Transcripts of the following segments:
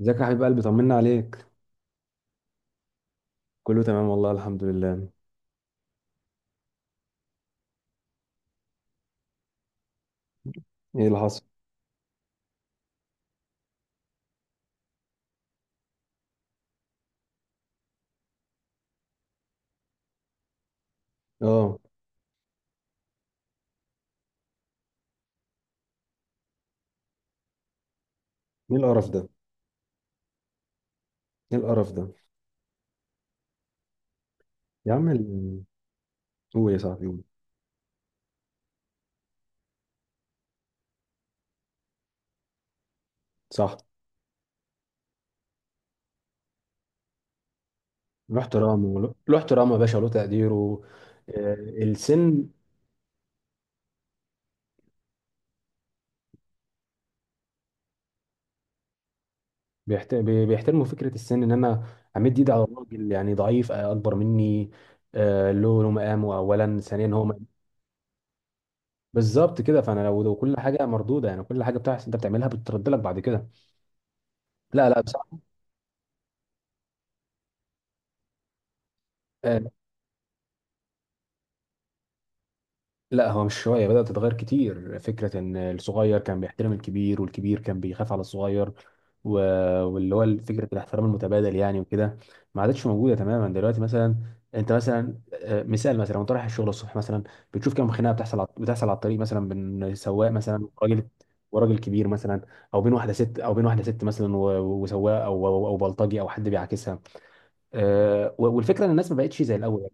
ازيك يا حبيب قلبي، طمنا عليك. كله تمام والله، الحمد لله. ايه اللي حصل؟ اه. ايه القرف ده! ايه القرف ده! يا عم ال- قول يا صاحبي قول. صح. له احترامه له احترامه يا باشا، وله تقديره. آه، السن. بيحترموا فكره السن ان انا امد ايدي على الراجل يعني ضعيف، اكبر مني. له مقامه اولا، ثانيا هو بالظبط كده. فانا لو كل حاجه مردوده، يعني كل حاجه بتحصل انت بتعملها بترد لك بعد كده. لا لا، بصراحه. آه، لا هو مش شوية بدأت تتغير، كتير فكرة إن الصغير كان بيحترم الكبير والكبير كان بيخاف على الصغير. و... واللي هو فكرة الاحترام المتبادل يعني وكده، ما عادتش موجودة تماما دلوقتي مثلا. أنت مثلا، مثال مثلا، وأنت رايح الشغل الصبح مثلا بتشوف كم خناقة بتحصل بتحصل على الطريق مثلا بين سواق مثلا وراجل، وراجل كبير مثلا، أو بين واحدة ست، أو بين واحدة ست مثلا وسواق، أو بلطجي أو حد بيعاكسها. والفكرة إن الناس ما بقتش زي الأول.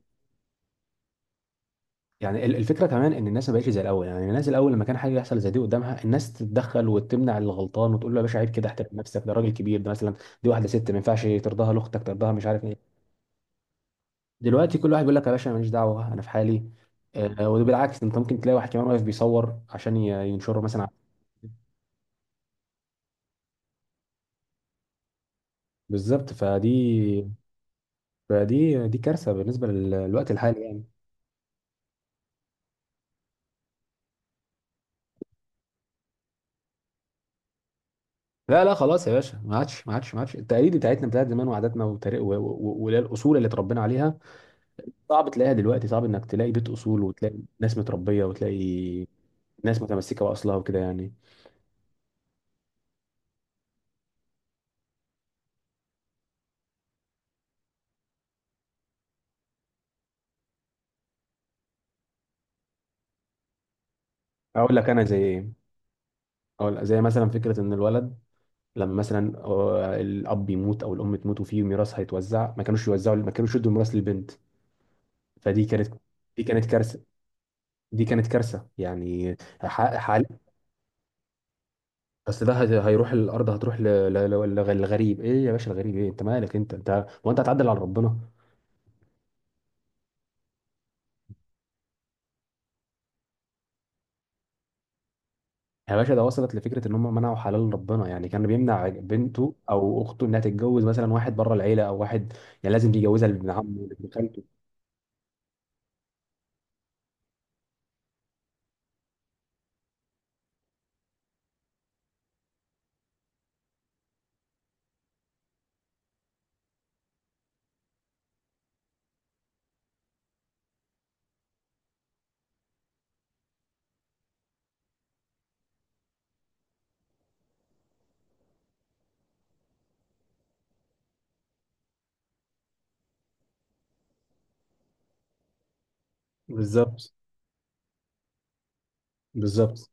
يعني الفكره كمان ان الناس ما بقتش زي الاول، يعني الناس الاول لما كان حاجه يحصل زي دي قدامها، الناس تتدخل وتمنع الغلطان وتقول له يا باشا عيب كده، احترم نفسك، ده راجل كبير ده مثلا، دي واحده ست ما ينفعش ترضاها لاختك ترضاها، مش عارف ايه. دلوقتي كل واحد بيقول لك يا باشا أنا ماليش دعوه انا في حالي. آه، وبالعكس انت ممكن تلاقي واحد كمان واقف بيصور عشان ينشره مثلا. بالظبط. فدي كارثه بالنسبه للوقت الحالي يعني. لا لا، خلاص يا باشا، ما عادش ما عادش ما عادش. التقاليد بتاعتنا بتاعت زمان وعاداتنا والاصول اللي اتربينا عليها صعب تلاقيها دلوقتي. صعب انك تلاقي بيت اصول، وتلاقي ناس متربيه، وتلاقي ناس متمسكه باصلها وكده يعني. اقول لك انا زي ايه. اقول زي مثلا فكره ان الولد لما مثلا، الاب يموت او الام تموت وفي ميراث هيتوزع، ما كانوش يوزعوا، ما كانوش يدوا الميراث للبنت. فدي كانت، دي كانت كارثه، دي كانت كارثه يعني. حال، بس ده هيروح، الارض هتروح ل- لغريب؟ ايه يا باشا الغريب؟ ايه؟ انت مالك؟ انت هتعدل على ربنا؟ يا باشا ده وصلت لفكره ان هم منعوا حلال ربنا، يعني كان بيمنع بنته او اخته انها تتجوز مثلا واحد بره العيله او واحد، يعني لازم يجوزها لابن عمه ولابن خالته. بالظبط، بالظبط.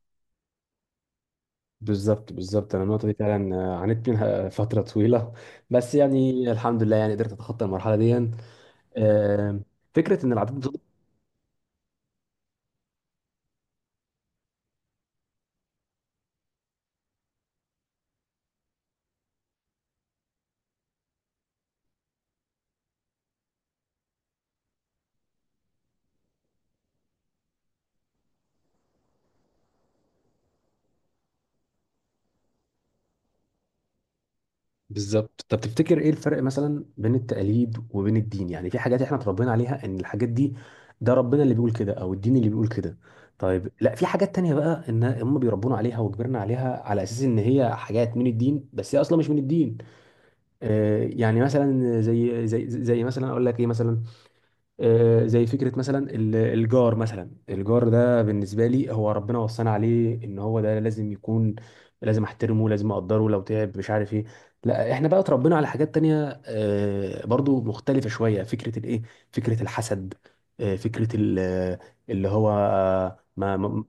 بالظبط، بالظبط، انا النقطه دي فعلا، عانيت منها فتره طويله. بس يعني الحمد لله، يعني قدرت اتخطى المرحله دي. آه، فكره ان العادات. بالظبط. طب تفتكر ايه الفرق مثلا بين التقاليد وبين الدين؟ يعني في حاجات احنا اتربينا عليها ان الحاجات دي، ده ربنا اللي بيقول كده، او الدين اللي بيقول كده. طيب لا، في حاجات تانية بقى ان هم بيربونا عليها وكبرنا عليها على اساس ان هي حاجات من الدين، بس هي اصلا مش من الدين. آه يعني مثلا، زي مثلا اقول لك ايه مثلا، زي فكرة مثلا الجار. مثلا الجار ده بالنسبة لي هو ربنا وصانا عليه ان هو ده لازم يكون، لازم احترمه، لازم اقدره لو تعب، مش عارف ايه. لا احنا بقى اتربينا على حاجات تانية، برضو مختلفة شوية. فكرة الايه، فكرة الحسد، فكرة ال- آه، اللي هو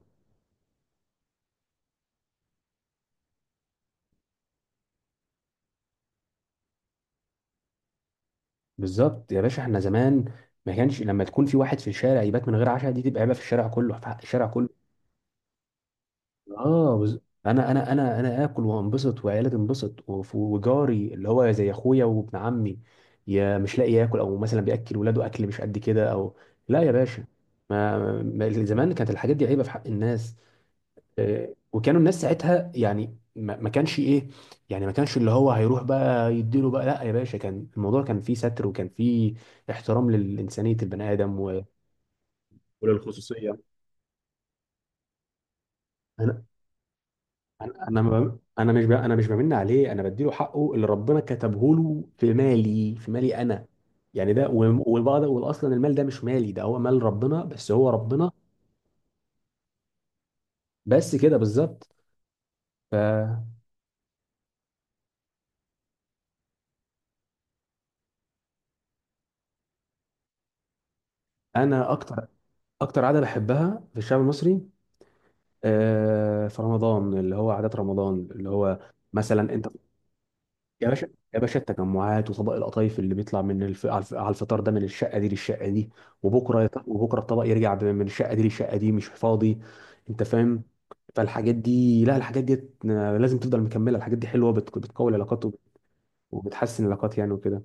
بالظبط يا باشا. احنا زمان ما كانش لما تكون في واحد في الشارع يبات من غير عشاء، دي تبقى عيبة في الشارع كله، في حق الشارع كله. اه. انا اكل وانبسط وعيالي تنبسط، وجاري اللي هو زي اخويا وابن عمي يا مش لاقي ياكل، او مثلا بياكل ولاده اكل مش قد كده، او لا يا باشا. ما زمان كانت الحاجات دي عيبه في حق الناس. وكانوا الناس ساعتها يعني ما كانش ايه، يعني ما كانش اللي هو هيروح بقى يديله بقى. لا يا باشا، كان الموضوع كان فيه ستر، وكان فيه احترام لإنسانية البني آدم وللخصوصية. انا انا ما- انا مش ب... انا مش بمن عليه، انا بديله حقه اللي ربنا كتبه له في مالي، في مالي انا. يعني والبعض يقول اصلا المال ده مش مالي، ده هو مال ربنا، بس هو ربنا. بس كده بالظبط. فانا. اكتر اكتر عاده بحبها في الشعب المصري، في رمضان، اللي هو عادات رمضان اللي هو مثلا انت. يا باشا، يا باشا، التجمعات وطبق القطايف اللي بيطلع من الف... على الف- على الفطار، ده من الشقه دي للشقه دي، وبكره وبكره الطبق يرجع من الشقه دي للشقه دي مش فاضي. انت فاهم؟ فالحاجات دي، لا الحاجات دي لازم تفضل مكمله، الحاجات دي حلوه، بتقوي العلاقات وبتحسن العلاقات يعني وكده.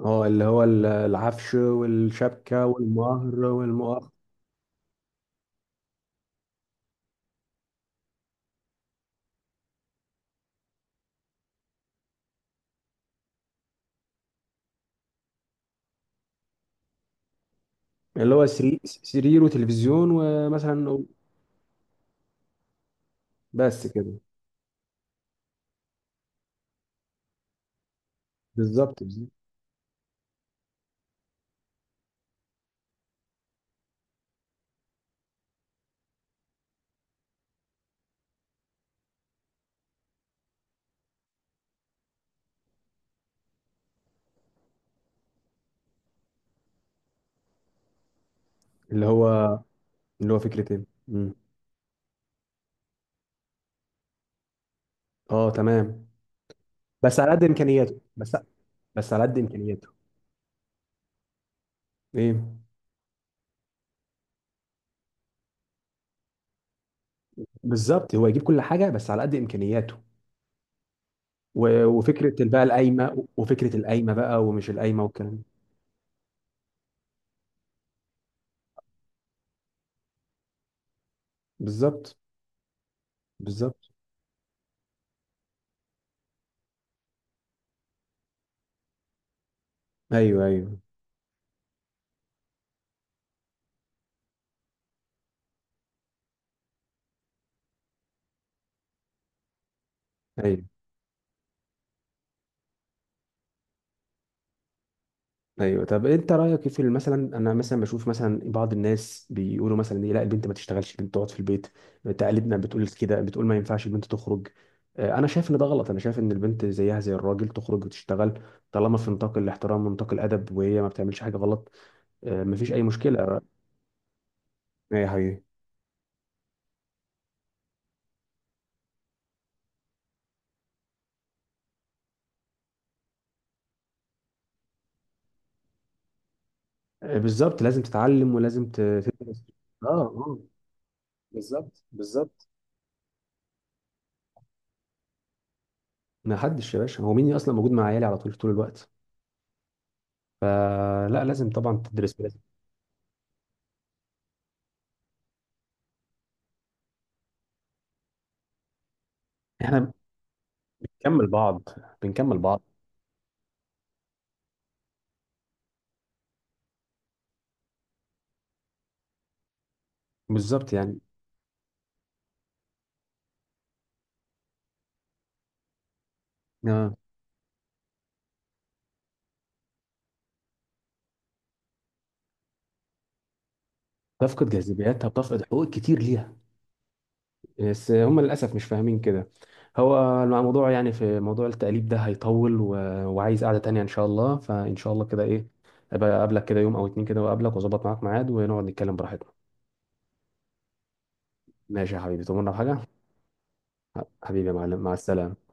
اه، اللي هو العفش والشبكه والمهر والمؤخ. اللي هو سرير وتلفزيون ومثلا. بس كده. بالظبط، بالظبط. اللي هو اللي هو فكرتين. مم. اه تمام. بس على قد امكانياته، بس. بس على قد امكانياته. ايه. بالظبط، هو يجيب كل حاجه بس على قد امكانياته. وفكره بقى القايمه، وفكره القايمه بقى، ومش القايمه والكلام ده. بالظبط. بالظبط. ايوه، ايوه، ايوه، ايوه. طب انت رايك إيه في مثلا؟ انا مثلا بشوف مثلا بعض الناس بيقولوا مثلا ايه، لا البنت ما تشتغلش، البنت تقعد في البيت، تقاليدنا بتقول كده، بتقول ما ينفعش البنت تخرج. انا شايف ان ده غلط. انا شايف ان البنت زيها زي الراجل تخرج وتشتغل طالما في نطاق الاحترام ونطاق الادب، وهي ما بتعملش حاجه غلط. مفيش اي مشكله. ايه يا حبيبي؟ بالظبط لازم تتعلم، ولازم تدرس. اه اه. بالظبط، بالظبط. ما حدش يا باشا، هو مين اصلا موجود مع عيالي على طول، طول الوقت؟ آه لا، لازم طبعا تدرس ولازم. احنا بنكمل بعض، بنكمل بعض. بالظبط يعني. آه. تفقد جاذبيتها، بتفقد حقوق كتير ليها. بس هم للاسف مش فاهمين كده. هو الموضوع يعني، في موضوع التقليب ده هيطول وعايز قعده تانية ان شاء الله. فان شاء الله كده ايه، ابقى اقابلك كده يوم او اتنين كده، واقابلك واظبط معاك ميعاد ونقعد نتكلم براحتنا. ماشي يا حبيبي، تؤمرنا بحاجة. حبيبي يا معلم، مع السلامة.